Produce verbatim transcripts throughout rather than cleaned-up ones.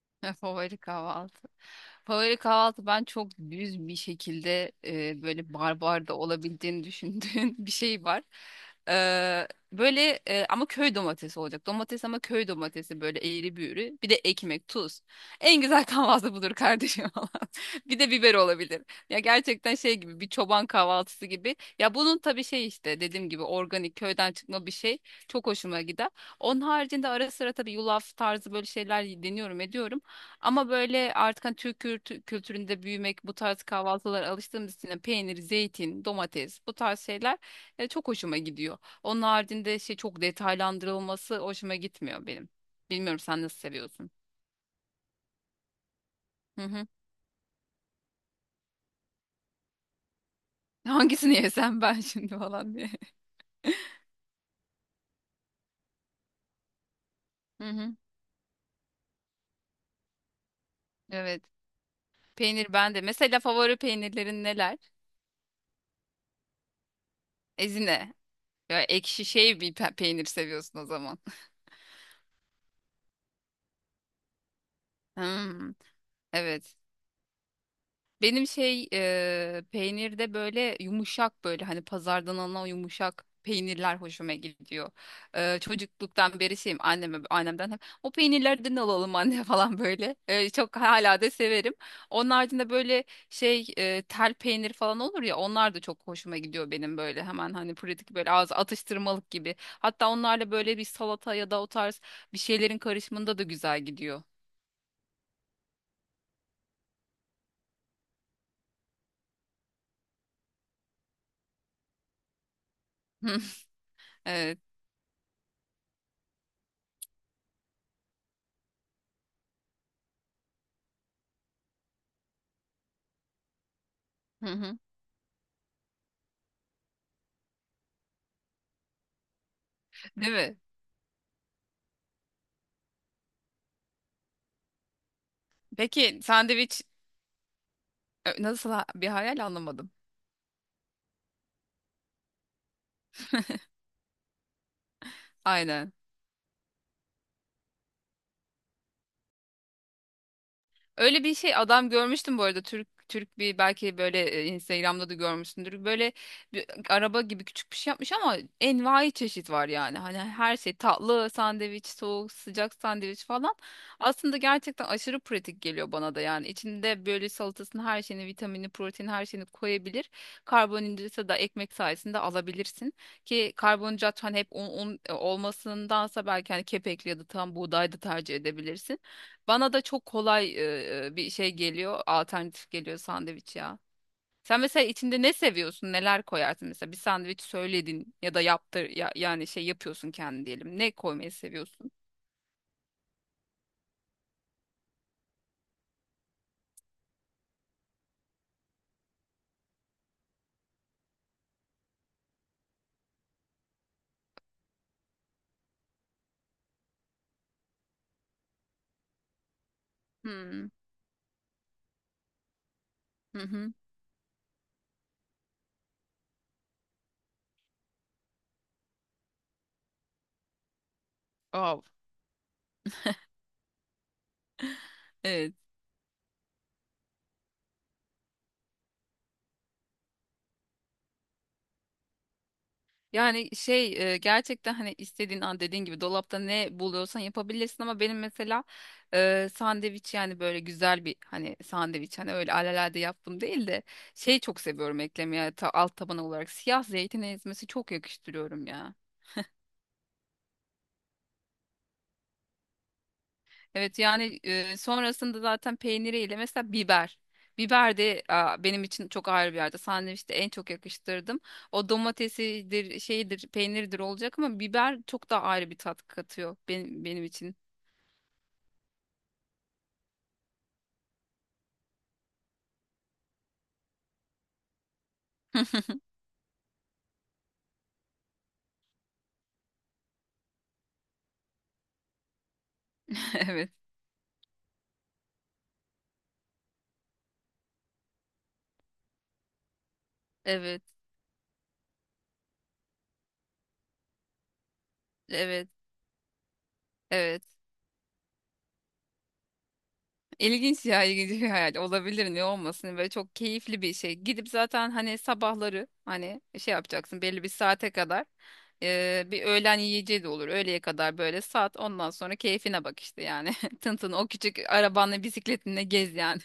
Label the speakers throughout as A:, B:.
A: Favori kahvaltı. Favori kahvaltı ben çok düz bir şekilde e, böyle barbar da olabildiğini düşündüğüm bir şey var. Ee, böyle e, ama köy domatesi olacak. Domates ama köy domatesi böyle eğri büğrü. Bir de ekmek, tuz. En güzel kahvaltı budur kardeşim falan. Bir de biber olabilir. Ya gerçekten şey gibi bir çoban kahvaltısı gibi. Ya bunun tabii şey işte dediğim gibi organik köyden çıkma bir şey. Çok hoşuma gider. Onun haricinde ara sıra tabii yulaf tarzı böyle şeyler deniyorum ediyorum. Ama böyle artık hani Türk kültü- kültüründe büyümek, bu tarz kahvaltılara alıştığımız için de peynir, zeytin, domates bu tarz şeyler e, çok hoşuma gidiyor. Onun haricinde şey çok detaylandırılması hoşuma gitmiyor benim. Bilmiyorum sen nasıl seviyorsun? Hı hı. Hangisini yesem ben şimdi falan diye. Hı hı. Evet. Peynir bende. Mesela favori peynirlerin neler? Ezine. Ya ekşi şey bir pe- peynir seviyorsun o zaman. Hmm, evet. Benim şey e, peynirde böyle yumuşak böyle hani pazardan alınan o yumuşak peynirler hoşuma gidiyor. E, çocukluktan beri şeyim anneme annemden hep o peynirlerden alalım anne falan böyle. E, çok hala da severim. Onun haricinde böyle şey e, tel peynir falan olur ya onlar da çok hoşuma gidiyor benim böyle hemen hani pratik böyle ağız atıştırmalık gibi. Hatta onlarla böyle bir salata ya da o tarz bir şeylerin karışımında da güzel gidiyor. Evet. Hı hı. Değil mi? Peki sandviç. Ö, Nasıl ha- bir hayal anlamadım. Aynen. Öyle bir şey adam görmüştüm bu arada Türk Türk bir belki böyle e, Instagram'da da görmüşsündür. Böyle bir araba gibi küçük bir şey yapmış ama envai çeşit var yani. Hani her şey tatlı sandviç, soğuk, sıcak sandviç falan. Aslında gerçekten aşırı pratik geliyor bana da yani. İçinde böyle salatasını, her şeyini, vitamini, proteini her şeyini koyabilir. Karbonhidratı da ekmek sayesinde alabilirsin. Ki karbonhidrat hani hep un, un olmasındansa belki hani kepekli ya da tam buğday da tercih edebilirsin. Bana da çok kolay e, e, bir şey geliyor, alternatif geliyor sandviç ya. Sen mesela içinde ne seviyorsun, neler koyarsın mesela bir sandviç söyledin ya da yaptır ya, yani şey yapıyorsun kendi diyelim. Ne koymayı seviyorsun? Hmm. Hı hı. Wow. Evet. Yani şey e, gerçekten hani istediğin an dediğin gibi dolapta ne buluyorsan yapabilirsin ama benim mesela e, sandviç yani böyle güzel bir hani sandviç hani öyle alelade yaptım değil de şey çok seviyorum eklemeye ta, alt taban olarak siyah zeytin ezmesi çok yakıştırıyorum ya. Evet yani e, sonrasında zaten peyniriyle mesela biber. Biber de a, benim için çok ayrı bir yerde. Sandviçte en çok yakıştırdım. O domatesidir, şeydir, peyniridir olacak ama biber çok daha ayrı bir tat katıyor benim, benim için. Evet, evet, evet, evet. İlginç ya, ilginç bir hayal. Olabilir, ne olmasın. Böyle çok keyifli bir şey. Gidip zaten hani sabahları hani şey yapacaksın belli bir saate kadar. Eee, bir öğlen yiyeceği de olur. Öğleye kadar böyle sat. Ondan sonra keyfine bak işte yani. Tın tın o küçük arabanla bisikletinle gez yani.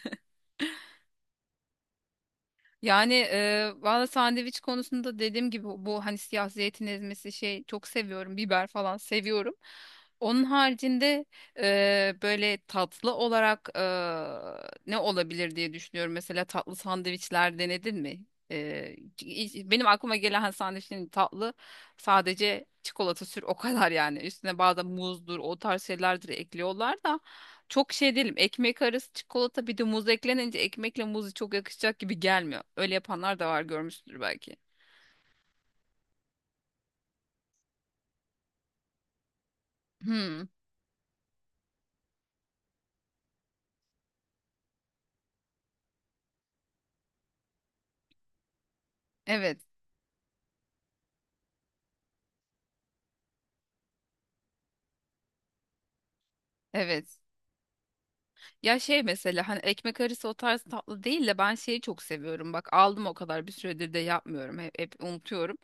A: Yani e, valla sandviç konusunda dediğim gibi bu hani siyah zeytin ezmesi şey çok seviyorum. Biber falan seviyorum. Onun haricinde e, böyle tatlı olarak e, ne olabilir diye düşünüyorum. Mesela tatlı sandviçler denedin mi? E, hiç- Benim aklıma gelen hani, sandviçlerin tatlı sadece çikolata sür o kadar yani. Üstüne bazen muzdur o tarz şeylerdir ekliyorlar da. Çok şey değilim. Ekmek arası çikolata bir de muz eklenince ekmekle muzu çok yakışacak gibi gelmiyor. Öyle yapanlar da var görmüşsündür belki. Hmm, evet, evet. Ya şey mesela hani ekmek arası o tarz tatlı değil de ben şeyi çok seviyorum. Bak aldım o kadar bir süredir de yapmıyorum. Hep, hep unutuyorum.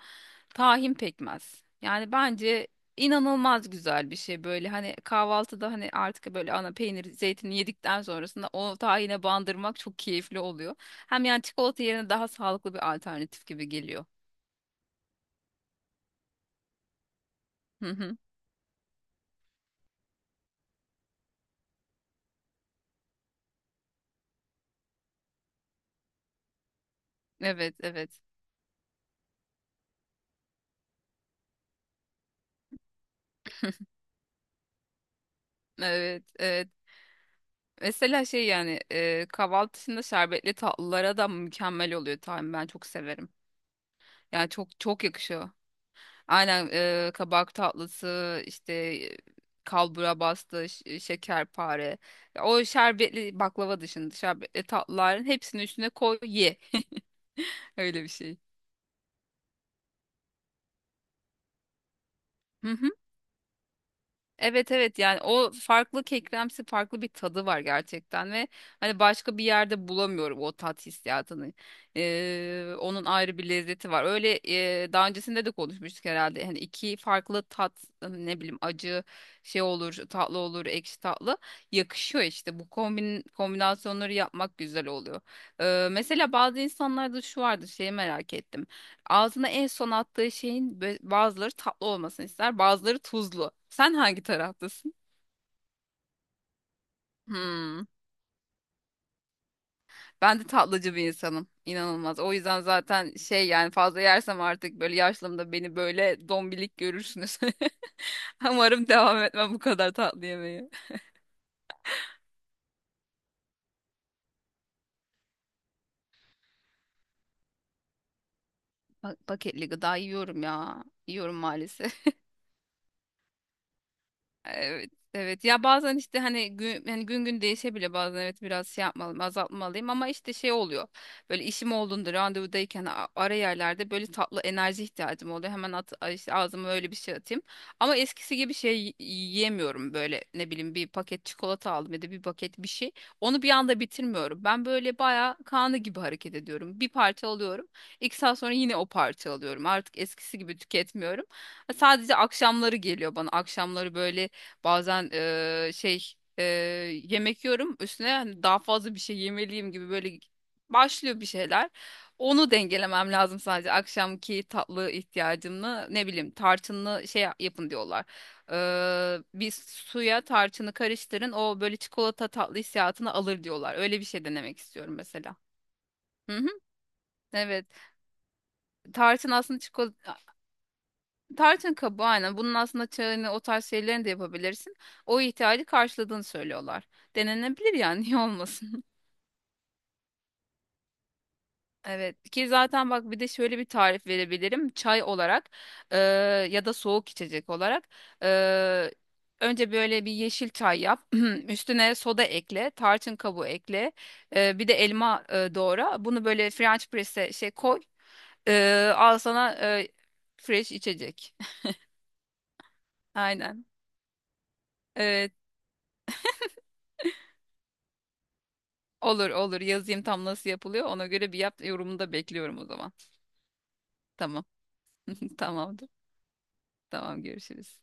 A: Tahin pekmez. Yani bence inanılmaz güzel bir şey böyle hani kahvaltıda hani artık böyle ana peynir zeytini yedikten sonrasında o tahine bandırmak çok keyifli oluyor. Hem yani çikolata yerine daha sağlıklı bir alternatif gibi geliyor. Hı hı. Evet, evet. Evet, evet. Mesela şey yani e, kahvaltı dışında şerbetli tatlılara da mükemmel oluyor tahin. Ben çok severim. Yani çok çok yakışıyor. Aynen e, kabak tatlısı işte e, kalbura bastı, ş- şekerpare. Ya o şerbetli baklava dışında şerbetli tatlıların hepsini üstüne koy ye. Öyle bir şey. Evet, evet yani o farklı kekremsi farklı bir tadı var gerçekten ve hani başka bir yerde bulamıyorum o tat hissiyatını. Ee, onun ayrı bir lezzeti var. Öyle e, daha öncesinde de konuşmuştuk herhalde. Hani iki farklı tat hani ne bileyim acı şey olur, tatlı olur, ekşi tatlı yakışıyor işte. Bu kombin kombinasyonları yapmak güzel oluyor. Ee, mesela bazı insanlarda şu vardı şeyi merak ettim. Ağzına en son attığı şeyin bö- bazıları tatlı olmasını ister, bazıları tuzlu. Sen hangi taraftasın? Hmm. Ben de tatlıcı bir insanım. İnanılmaz. O yüzden zaten şey yani fazla yersem artık böyle yaşlımda beni böyle dombilik görürsünüz. Umarım devam etmem bu kadar tatlı yemeği. Paketli gıda yiyorum ya. Yiyorum maalesef. Evet, evet. Ya bazen işte hani gün, yani gün gün değişebilir bazen evet biraz şey yapmalıyım, azaltmalıyım ama işte şey oluyor. Böyle işim olduğunda randevudayken a- ara yerlerde böyle tatlı enerji ihtiyacım oluyor. Hemen at, a- işte ağzıma öyle bir şey atayım. Ama eskisi gibi şey y- yiyemiyorum böyle ne bileyim bir paket çikolata aldım ya da bir paket bir şey. Onu bir anda bitirmiyorum. Ben böyle bayağı kanı gibi hareket ediyorum. Bir parça alıyorum. İki saat sonra yine o parça alıyorum. Artık eskisi gibi tüketmiyorum. Sadece akşamları geliyor bana. Akşamları böyle bazen eee, şey eee, yemek yiyorum üstüne hani daha fazla bir şey yemeliyim gibi böyle başlıyor bir şeyler. Onu dengelemem lazım sadece akşamki tatlı ihtiyacımla ne bileyim tarçınlı şey yapın diyorlar. Eee, bir suya tarçını karıştırın o böyle çikolata tatlı hissiyatını alır diyorlar. Öyle bir şey denemek istiyorum mesela. Hı hı, evet. Tarçın aslında çikolata. Tarçın kabuğu aynen. Bunun aslında çayını o tarz şeylerini de yapabilirsin. O ihtiyacı karşıladığını söylüyorlar. Denenebilir yani niye olmasın? Evet ki zaten bak bir de şöyle bir tarif verebilirim. Çay olarak e, ya da soğuk içecek olarak e, önce böyle bir yeşil çay yap. Üstüne soda ekle, tarçın kabuğu ekle. E, bir de elma e, doğra. Bunu böyle French press'e şey koy. E, al sana e, fresh içecek. Aynen. E, Olur olur yazayım tam nasıl yapılıyor. Ona göre bir yap yorumunu da bekliyorum o zaman. Tamam. Tamamdır. Tamam görüşürüz.